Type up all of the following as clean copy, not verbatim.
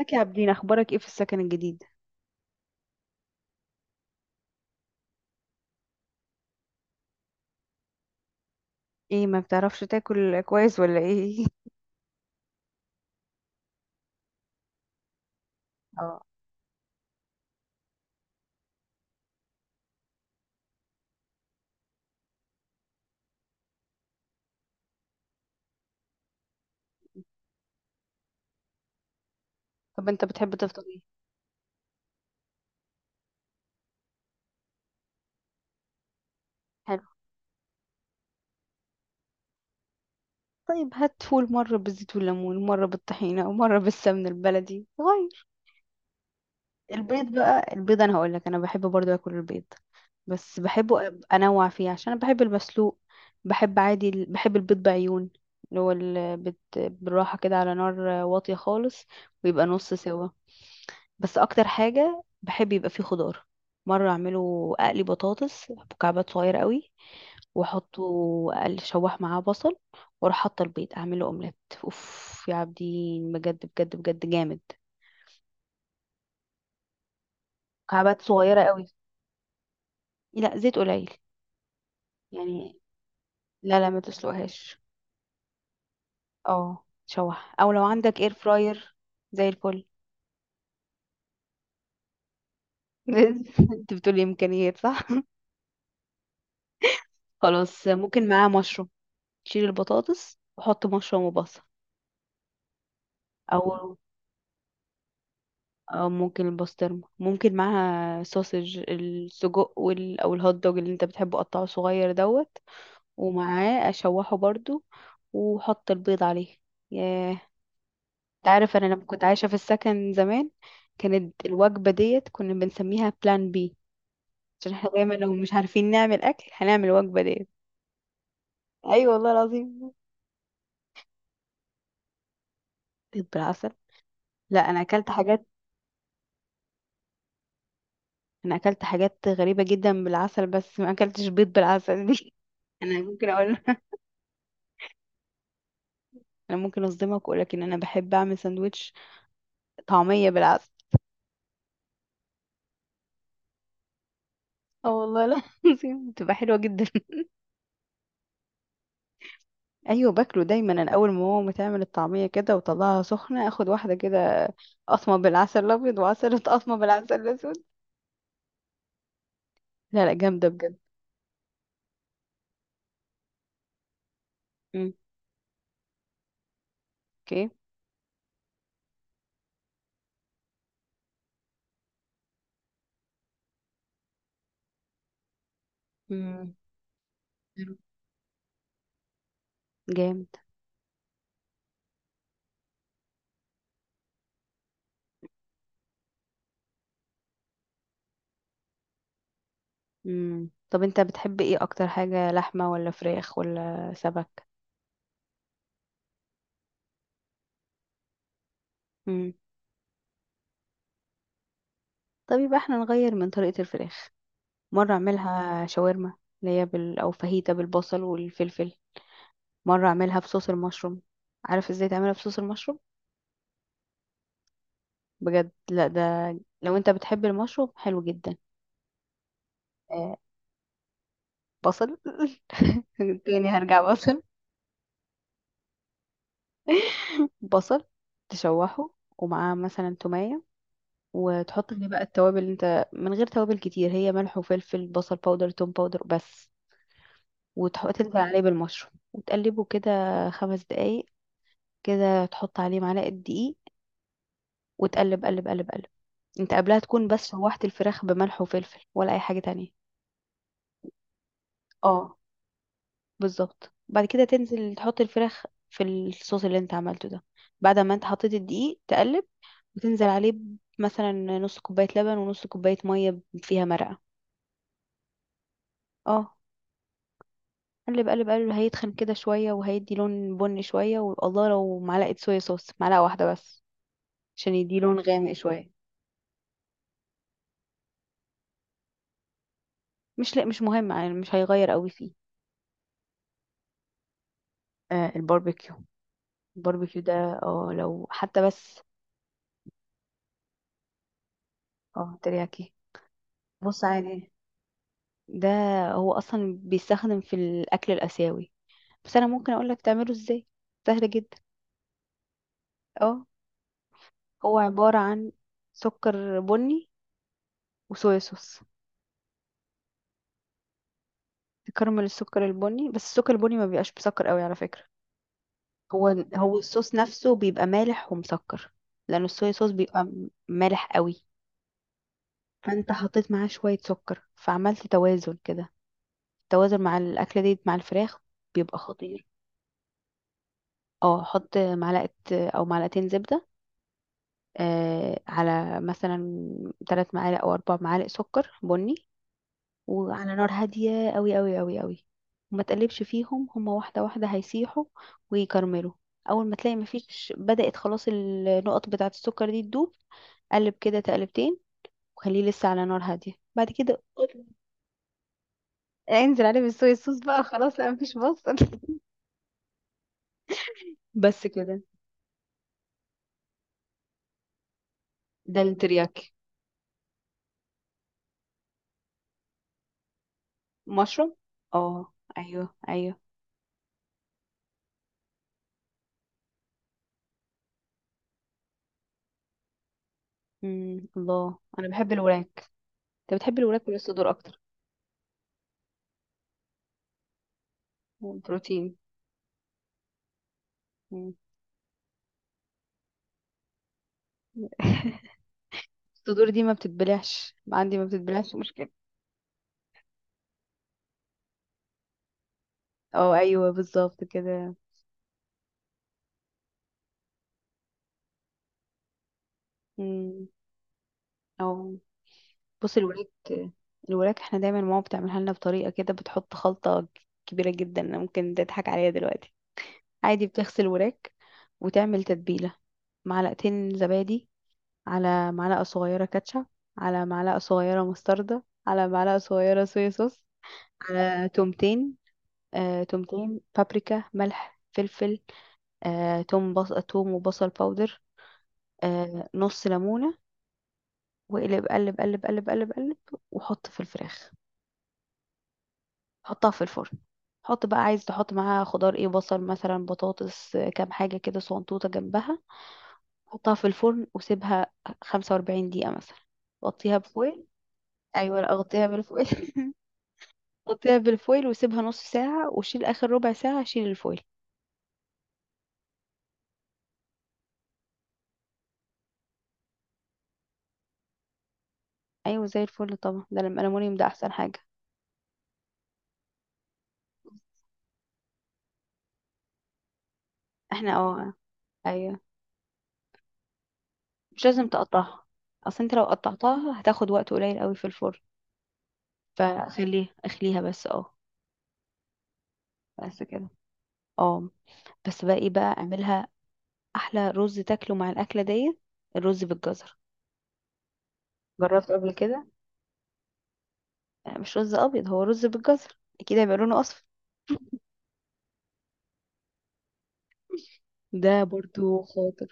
ازيك يا عابدين؟ اخبارك ايه في السكن الجديد؟ ايه، ما بتعرفش تاكل كويس ولا ايه؟ اه. طب انت بتحب تفطر ايه؟ حلو. طيب، هات فول مره بالزيت والليمون، مره بالطحينه، ومره بالسمن البلدي غير. البيض بقى، البيض انا هقول لك، انا بحب برضو اكل البيض. بس بحبه انوع فيه، عشان انا بحب المسلوق. بحب عادي، بحب البيض بعيون، اللي هو بالراحه كده على نار، واطيه خالص، ويبقى نص سوا. بس اكتر حاجه بحب يبقى فيه خضار. مره اعمله اقلي بطاطس مكعبات صغيره قوي، واحطه، اقل شوح معاه بصل، واروح حاطه البيض اعمله اومليت. اوف يا عابدين، بجد بجد بجد جامد. مكعبات صغيره قوي. لا، زيت قليل. يعني. لا، لا، ما تسلقهاش. اه، شوح، او لو عندك اير فراير. زي الفل. انت بتقولي امكانيات، صح. خلاص، ممكن معاه مشروم. شيل البطاطس وحط مشروم وبصل. او. او، ممكن البسطرمه ممكن معاها سوسج السجق او الهوت دوج اللي انت بتحبه قطعه صغير دوت. ومعاه اشوحه برضو، وحط البيض عليه. ياه انت، عارف انا لما كنت عايشه في السكن زمان، كانت الوجبه ديت كنا بنسميها بلان بي، عشان احنا دايما لو مش عارفين نعمل اكل هنعمل الوجبه ديت. ايوه والله العظيم. بيض بالعسل؟ لا، انا اكلت حاجات، انا اكلت حاجات غريبه جدا بالعسل، بس ما اكلتش بيض بالعسل دي. انا ممكن اقول، انا ممكن اصدمك واقول لك ان انا بحب اعمل سندوتش طعميه بالعسل. اه والله لا العظيم، بتبقى حلوه جدا. ايوه، باكله دايما، انا اول ما ماما تعمل الطعميه كده وطلعها سخنه اخد واحده كده، قطمه بالعسل الابيض، وعسل قطمه بالعسل الاسود. لا، لا، جامده بجد. امم، اوكي، امم، حلو. جامد. طب انت بتحب ايه اكتر حاجه، لحمه ولا فراخ ولا سمك؟ امم طب يبقى احنا نغير من طريقه الفراخ. مره اعملها شاورما، اللي هي او فاهيتا بالبصل والفلفل. مرة اعملها بصوص المشروم. عارف ازاي تعملها بصوص المشروم؟ بجد، لا ده، لو انت بتحب المشروم حلو جدا. آه، بصل. تاني هرجع بصل. بصل، تشوحه، ومعاه مثلا تومية، وتحط عليه بقى التوابل، اللي انت من غير توابل كتير، هي ملح وفلفل بصل باودر توم باودر بس. وتحط تنزل عليه بالمشروم وتقلبه كده، 5 دقايق. كده تحط عليه معلقة دقيق، وتقلب قلب قلب قلب. انت قبلها تكون بس شوحت الفراخ بملح وفلفل، ولا اي حاجة تانية؟ اه، بالظبط، بعد كده تنزل تحط الفراخ في الصوص اللي انت عملته ده. بعد ما انت حطيت الدقيق تقلب، وتنزل عليه مثلا نص كوباية لبن، ونص كوباية مية فيها مرقة. اه، قلب قلب قلب، هيتخن كده شوية وهيدي لون بني شوية، والله لو معلقة صويا صوص، معلقة واحدة بس، عشان يدي لون غامق شوية. مش، لا، مش مهم، يعني مش هيغير قوي فيه. الباربيكيو، الباربيكيو ده. اه، لو حتى بس. اه، ترياكي. بص، عادي. ده، هو اصلا بيستخدم في الاكل الاسيوي، بس انا ممكن اقولك تعمله ازاي. سهل جدا. اه. هو عبارة عن سكر بني وصويا صوص. تكرمل السكر البني، بس السكر البني ما بيبقاش مسكر قوي على فكرة. هو هو الصوص نفسه بيبقى مالح ومسكر، لان الصويا صوص بيبقى مالح قوي. فانت حطيت معاه شوية سكر فعملت توازن كده. التوازن مع الاكلة دي مع الفراخ بيبقى خطير. اه، حط معلقة او معلقتين زبدة، على مثلا 3 معالق او 4 معالق سكر بني، وعلى نار هاديه قوي قوي قوي قوي. وما تقلبش فيهم، هما واحده واحده هيسيحوا ويكرملوا. اول ما تلاقي مفيش، بدأت خلاص النقط بتاعه السكر دي تدوب، قلب كده تقلبتين، وخليه لسه على نار هاديه. بعد كده انزل عليه بالصويا صوص بقى خلاص، لا مفيش بصل. بس كده. ده الترياكي. مشروم. اه. ايوه، ايوه. الله، انا بحب الوراك. انت بتحب الوراك ولا الصدور اكتر؟ بروتين. مم. الصدور دي ما بتتبلعش عندي، ما بتتبلعش، مش مشكلة. اه، ايوه، بالظبط كده. مم. او. بص، الوراك، الوراك احنا دايما ماما بتعملها لنا بطريقه كده، بتحط خلطه كبيره جدا. أنا ممكن تضحك عليا دلوقتي. عادي، بتغسل وراك وتعمل تتبيله، معلقتين زبادي، على معلقه صغيره كاتشب، على معلقه صغيره مستردة، على معلقه صغيره صويا صوص، على تومتين، تومتين، بابريكا، ملح، فلفل، توم وبصل باودر، نص ليمونة، واقلب قلب قلب قلب قلب قلب، وحط في الفراخ. حطها في الفرن. حط بقى، عايز تحط معاها خضار ايه، بصل مثلا، بطاطس، كام حاجة كده، صنطوطة جنبها. حطها في الفرن وسيبها 45 دقيقة مثلا. غطيها بفويل. ايوه، لا، غطيها بالفويل. غطيها بالفويل وسيبها نص ساعة، وشيل اخر ربع ساعة شيل الفويل. ايوه، زي الفل طبعا، ده الالومنيوم ده احسن حاجة. احنا، اه. ايوه. مش لازم تقطعها، اصل انت لو قطعتها هتاخد وقت قليل قوي في الفرن. فخليها، اخليها بس، اه. بس كده. اه، بس بقى ايه بقى اعملها؟ احلى رز تاكله مع الاكله ديت، الرز بالجزر. جربت قبل كده؟ لا، مش رز ابيض، هو رز بالجزر، اكيد هيبقى لونه اصفر. ده برضو خاطر.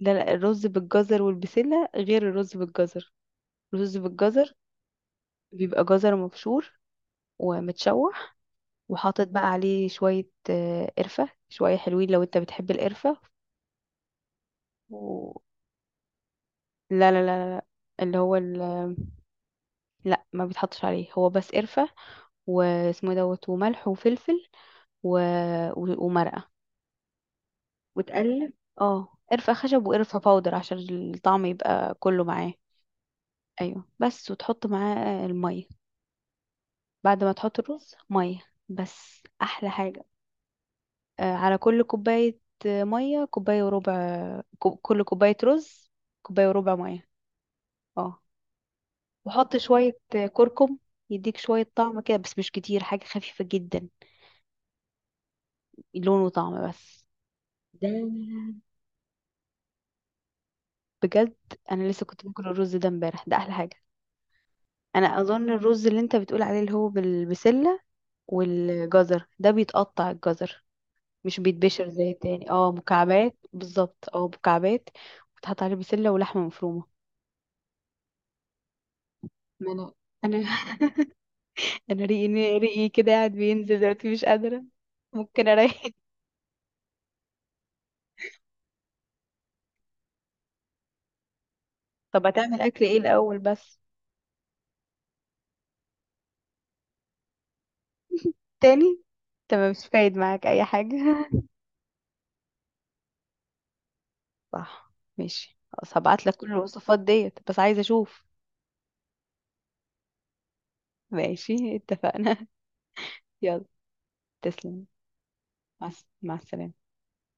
لا، لا، الرز بالجزر والبسلة غير الرز بالجزر. الرز بالجزر، بيبقى جزر مبشور ومتشوح، وحاطط بقى عليه شوية قرفة، شوية حلوين لو انت بتحب القرفة، و... لا، لا، لا، لا، لا. اللي هو ال... لا، ما بيتحطش عليه، هو بس قرفة، واسمه إيه دوت، وملح، وفلفل، و... ومرقة. وتقلب. اه، قرفة خشب وقرفة باودر، عشان الطعم يبقى كله معاه. ايوه، بس وتحط معاه المية. بعد ما تحط الرز مية، بس احلى حاجة. على كل كوباية، مية كوباية وربع، كل كوباية رز، كوباية وربع مية. اه، وحط شوية كركم، يديك شوية طعم كده، بس مش كتير، حاجة خفيفة جدا. لون وطعم بس. ده بجد، انا لسه كنت باكل الرز ده امبارح، ده احلى حاجه. انا اظن الرز اللي انت بتقول عليه اللي هو بالبسله والجزر، ده بيتقطع الجزر، مش بيتبشر زي التاني، اه، مكعبات، بالظبط، اه، مكعبات. وتحط عليه بسله ولحمه مفرومه. ما انا، انا. انا، ريقي، ريقي كده قاعد بينزل دلوقتي، مش قادره. ممكن اريح. طب، هتعمل اكل ايه الاول بس؟ تاني؟ انت مش فايد معاك اي حاجه. صح. ماشي، خلاص هبعت لك كل الوصفات ديت، بس عايزة اشوف. ماشي، اتفقنا. يلا. تسلم. مع السلامة.